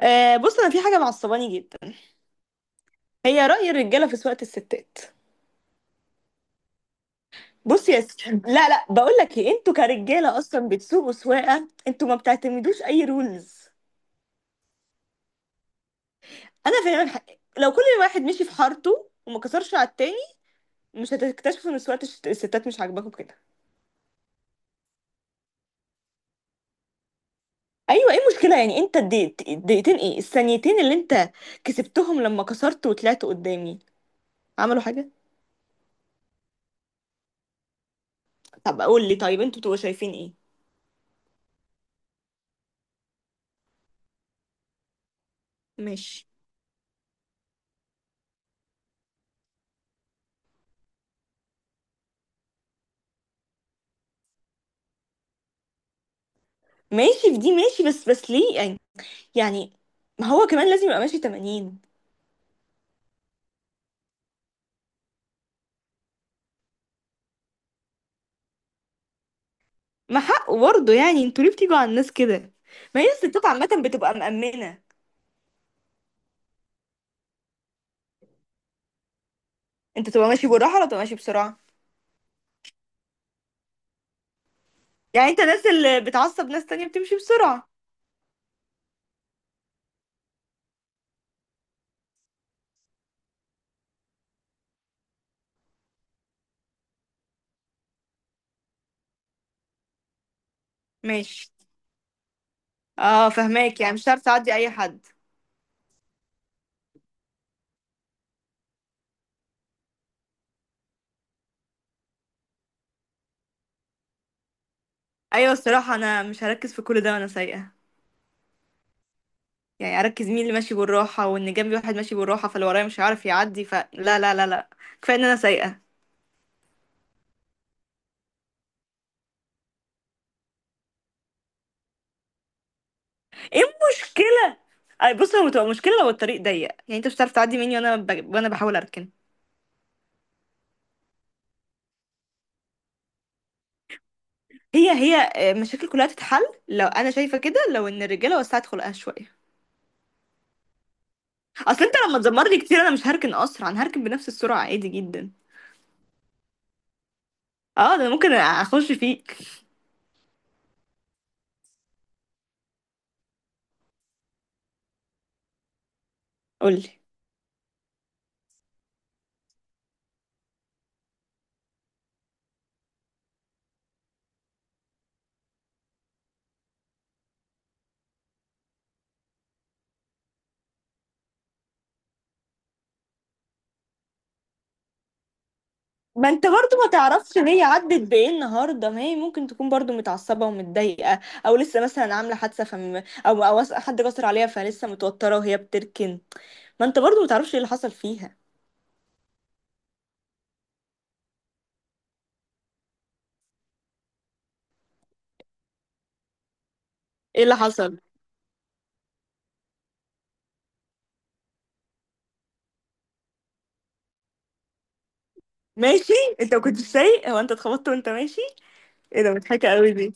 آه، بص، انا في حاجه معصباني جدا. هي راي الرجاله في سواقه الستات. بص يا ستي، لا لا، بقول لك ايه، انتوا كرجاله اصلا بتسوقوا سواقه، انتوا ما بتعتمدوش اي رولز. انا فعلا لو كل واحد مشي في حارته وما كسرش على التاني، مش هتكتشفوا ان سواقه الستات مش عاجباكم كده. ايوه، ايه المشكله يعني؟ انت الدقيقتين، ايه، الثانيتين اللي انت كسبتهم لما كسرت وطلعت قدامي، عملوا حاجه؟ طب قول لي، طيب انتوا بتبقوا شايفين ايه؟ ماشي. ماشي في دي، ماشي، بس ليه يعني ما هو كمان لازم يبقى ماشي 80. ما حقه برضه يعني، انتوا ليه بتيجوا على الناس كده؟ ما هي الستات عامة بتبقى مأمنة. انت تبقى ماشي بالراحة ولا تبقى ماشي بسرعة؟ يعني انت الناس اللي بتعصب ناس تانية بتمشي بسرعة. ماشي، اه، فهماك، يعني مش هتعرف تعدي اي حد. ايوه، الصراحة انا مش هركز في كل ده وانا سايقة. يعني اركز مين اللي ماشي بالراحة، وان جنبي واحد ماشي بالراحة، فاللي ورايا مش هيعرف يعدي، فلا، لا لا لا، كفاية ان انا سايقة. ايه المشكلة؟ اي بص، هو بتبقى مشكلة لو الطريق ضيق، يعني انت مش هتعرف تعدي مني وانا بحاول اركن. هي هي آه، مشاكل كلها تتحل لو انا شايفة كده، لو ان الرجالة وسعت خلقها شوية. اصل انت لما تزمرني كتير، انا مش هركن اسرع، انا هركن بنفس السرعة عادي جدا. اه، ده أنا ممكن اخش فيك. قولي. ما انت برضو ما تعرفش ان هي عدت بايه النهارده؟ ما هي ممكن تكون برضو متعصبه ومتضايقه، او لسه مثلا عامله حادثه، او حد جسر عليها، فلسه متوتره وهي بتركن. ما انت برضو ما تعرفش ايه اللي حصل فيها. ايه اللي حصل؟ ماشي. انت ما كنتش سايق، هو انت اتخبطت وانت ماشي؟ ايه ده، مضحكه قوي دي.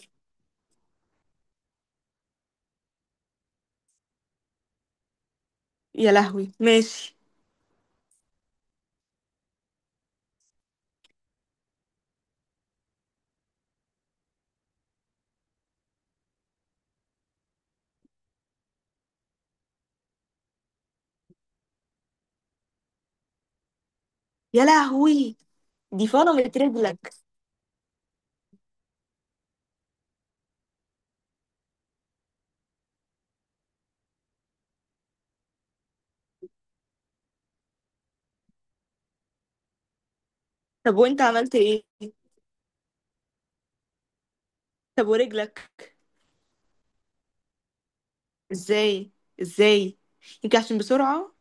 يا لهوي، ماشي. يا لهوي، دي فرمت رجلك. طب وانت عملت ايه؟ طب ورجلك؟ ازاي؟ ازاي؟ يمكن عشان بسرعه.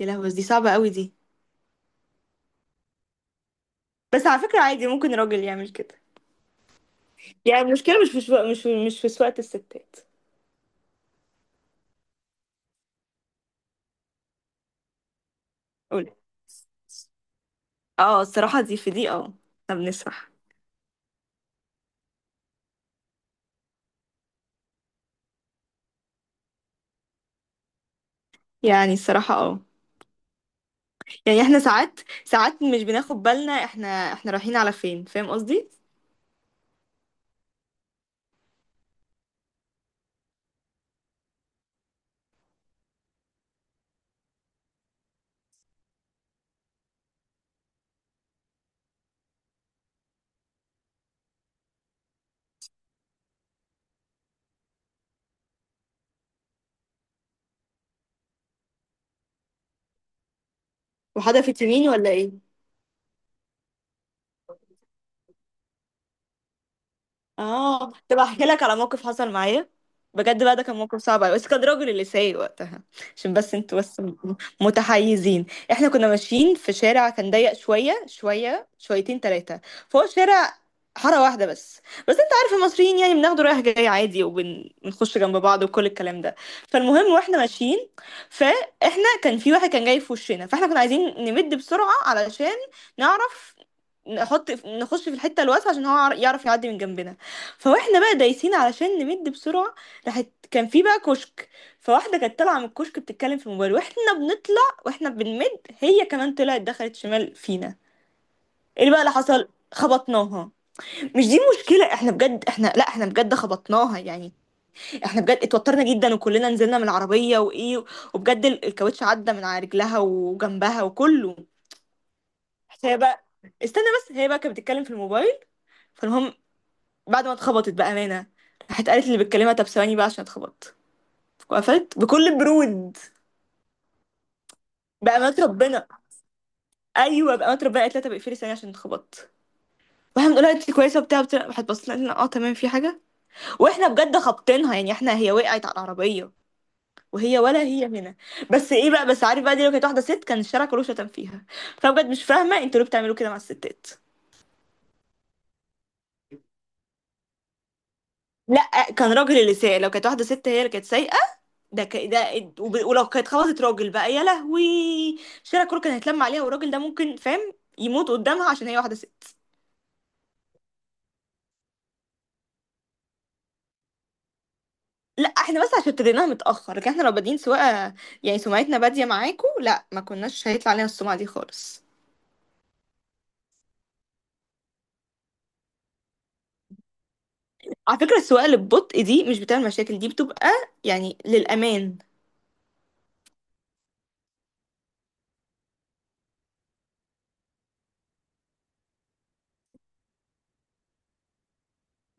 يا لهوي، بس دي صعبه قوي دي. بس على فكره، عادي ممكن راجل يعمل كده. يعني المشكله مش في شو... مش في... مش في سواقه الستات. قولي. اه، الصراحه دي في دي، اه. احنا بنسرح. يعني الصراحه اه. يعني احنا ساعات، ساعات مش بناخد بالنا، احنا احنا رايحين على فين، فاهم قصدي. محادة في تيميني ولا ايه؟ اه، طب احكي لك على موقف حصل معايا. بجد بقى، ده كان موقف صعب أوي، بس كان راجل اللي سايق وقتها. عشان بس انتوا بس متحيزين. احنا كنا ماشيين في شارع كان ضيق شويه شويه، شويتين ثلاثه. فهو شارع حاره واحده بس. بس انت عارف المصريين، يعني بناخده رايح جاي عادي وبنخش جنب بعض وكل الكلام ده. فالمهم، واحنا ماشيين، فاحنا كان في واحد كان جاي في وشنا، فاحنا كنا عايزين نمد بسرعه علشان نعرف نخش في الحته الواسعه عشان هو يعرف يعدي من جنبنا. فواحنا بقى دايسين علشان نمد بسرعة. راحت كان في بقى كشك، فواحدة كانت طالعة من الكشك بتتكلم في الموبايل، واحنا بنطلع، واحنا بنمد، هي كمان طلعت دخلت شمال فينا. ايه بقى اللي حصل؟ خبطناها. مش دي مشكلة، احنا بجد احنا، لا، احنا بجد خبطناها يعني. احنا بجد اتوترنا جدا، وكلنا نزلنا من العربية وايه، وبجد الكاوتش عدى من على رجلها وجنبها وكله. هي بقى، استنى بس، هي بقى كانت بتتكلم في الموبايل. فالمهم، بعد ما اتخبطت، بأمانة، راحت قالت اللي بتكلمها طب ثواني بقى عشان اتخبط. وقفت بكل برود. بأمانة ربنا. أيوه، بأمانة ربنا، قالت لها طب اقفلي ثانية عشان اتخبطت. واحنا بنقول لها انت كويسه وبتاع بتاع، راحت بصت لنا قالت لنا اه تمام في حاجه. واحنا بجد خابطينها يعني، احنا هي وقعت على العربيه، وهي ولا هي هنا. بس ايه بقى، بس عارف بقى، دي لو كانت واحده ست كان الشارع كله شتم فيها. فبجد مش فاهمه انتوا ليه بتعملوا كده مع الستات. لا، كان راجل اللي سايق، لو كانت واحده ست هي اللي كانت سايقه. ده ك... ده وب- ولو كانت خبطت راجل بقى يا لهوي، الشارع كله كان هيتلم عليها، والراجل ده ممكن فاهم يموت قدامها عشان هي واحده ست. لا، احنا بس عشان ابتديناها متأخر، لكن احنا لو بادئين سواقة، يعني سمعتنا بادية معاكم، لا، ما كناش هيطلع علينا السمعة دي خالص. على فكرة السواقة اللي ببطء دي مش بتعمل مشاكل، دي بتبقى يعني للأمان.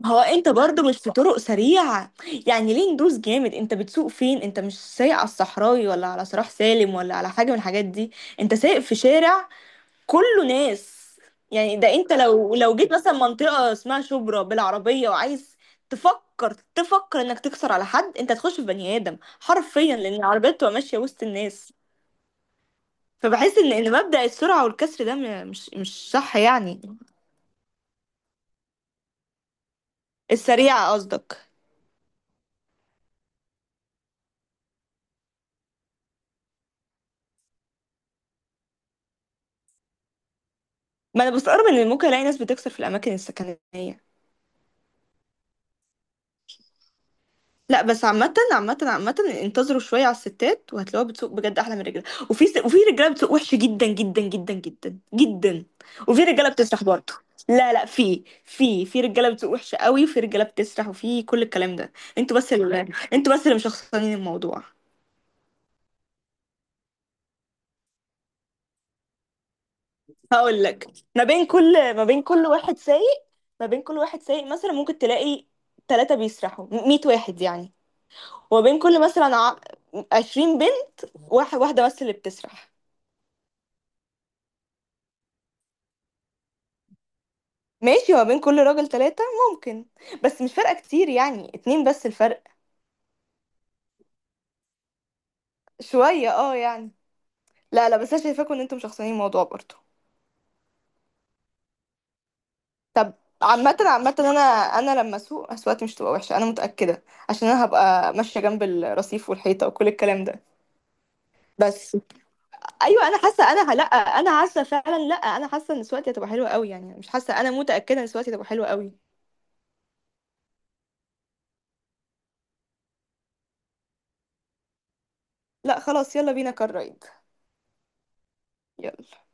هو انت برضه مش في طرق سريعة؟ يعني ليه ندوس جامد؟ انت بتسوق فين، انت مش سايق على الصحراوي ولا على صلاح سالم ولا على حاجة من الحاجات دي، انت سايق في شارع كله ناس. يعني ده انت لو جيت مثلا منطقة اسمها شبرا بالعربية، وعايز تفكر تفكر انك تكسر على حد، انت تخش في بني ادم حرفيا لان العربيات بتبقى ماشية وسط الناس. فبحس ان مبدأ السرعة والكسر ده مش صح يعني. السريعة قصدك. ما انا بستغرب ان ممكن الاقي ناس بتكسر في الاماكن السكنية. لا، بس عامة عامة عامة، انتظروا شوية على الستات وهتلاقوها بتسوق بجد أحلى من الرجالة، وفي رجالة بتسوق وحش جدا جدا جدا جدا جدا، وفي رجالة بتسرح برضه. لا لا، في رجالة بتسوق وحش قوي، وفي رجالة بتسرح وفي كل الكلام ده. انتوا بس اللي انتوا بس اللي مشخصنين الموضوع. هقول لك، ما بين كل واحد سايق، ما بين كل واحد سايق مثلا ممكن تلاقي 3 بيسرحوا 100 واحد يعني. وما بين كل مثلا 20 بنت واحد، واحدة بس اللي بتسرح. ماشي، ما بين كل راجل 3، ممكن، بس مش فارقة كتير يعني، 2 بس الفرق، شوية اه يعني. لا لا، بس انا شايفاكم ان انتم مشخصنين الموضوع برضه. عامة عامة، انا انا لما اسوق اسواقتي مش تبقى وحشة، انا متأكدة عشان انا هبقى ماشية جنب الرصيف والحيطة وكل الكلام ده. بس ايوه، انا حاسة، لا انا حاسة فعلا، لا، انا حاسة ان سواقتي هتبقى حلوة قوي يعني، مش حاسة، انا متأكدة ان سواقتي هتبقى حلوة قوي. لا خلاص، يلا بينا كار رايد. يلا.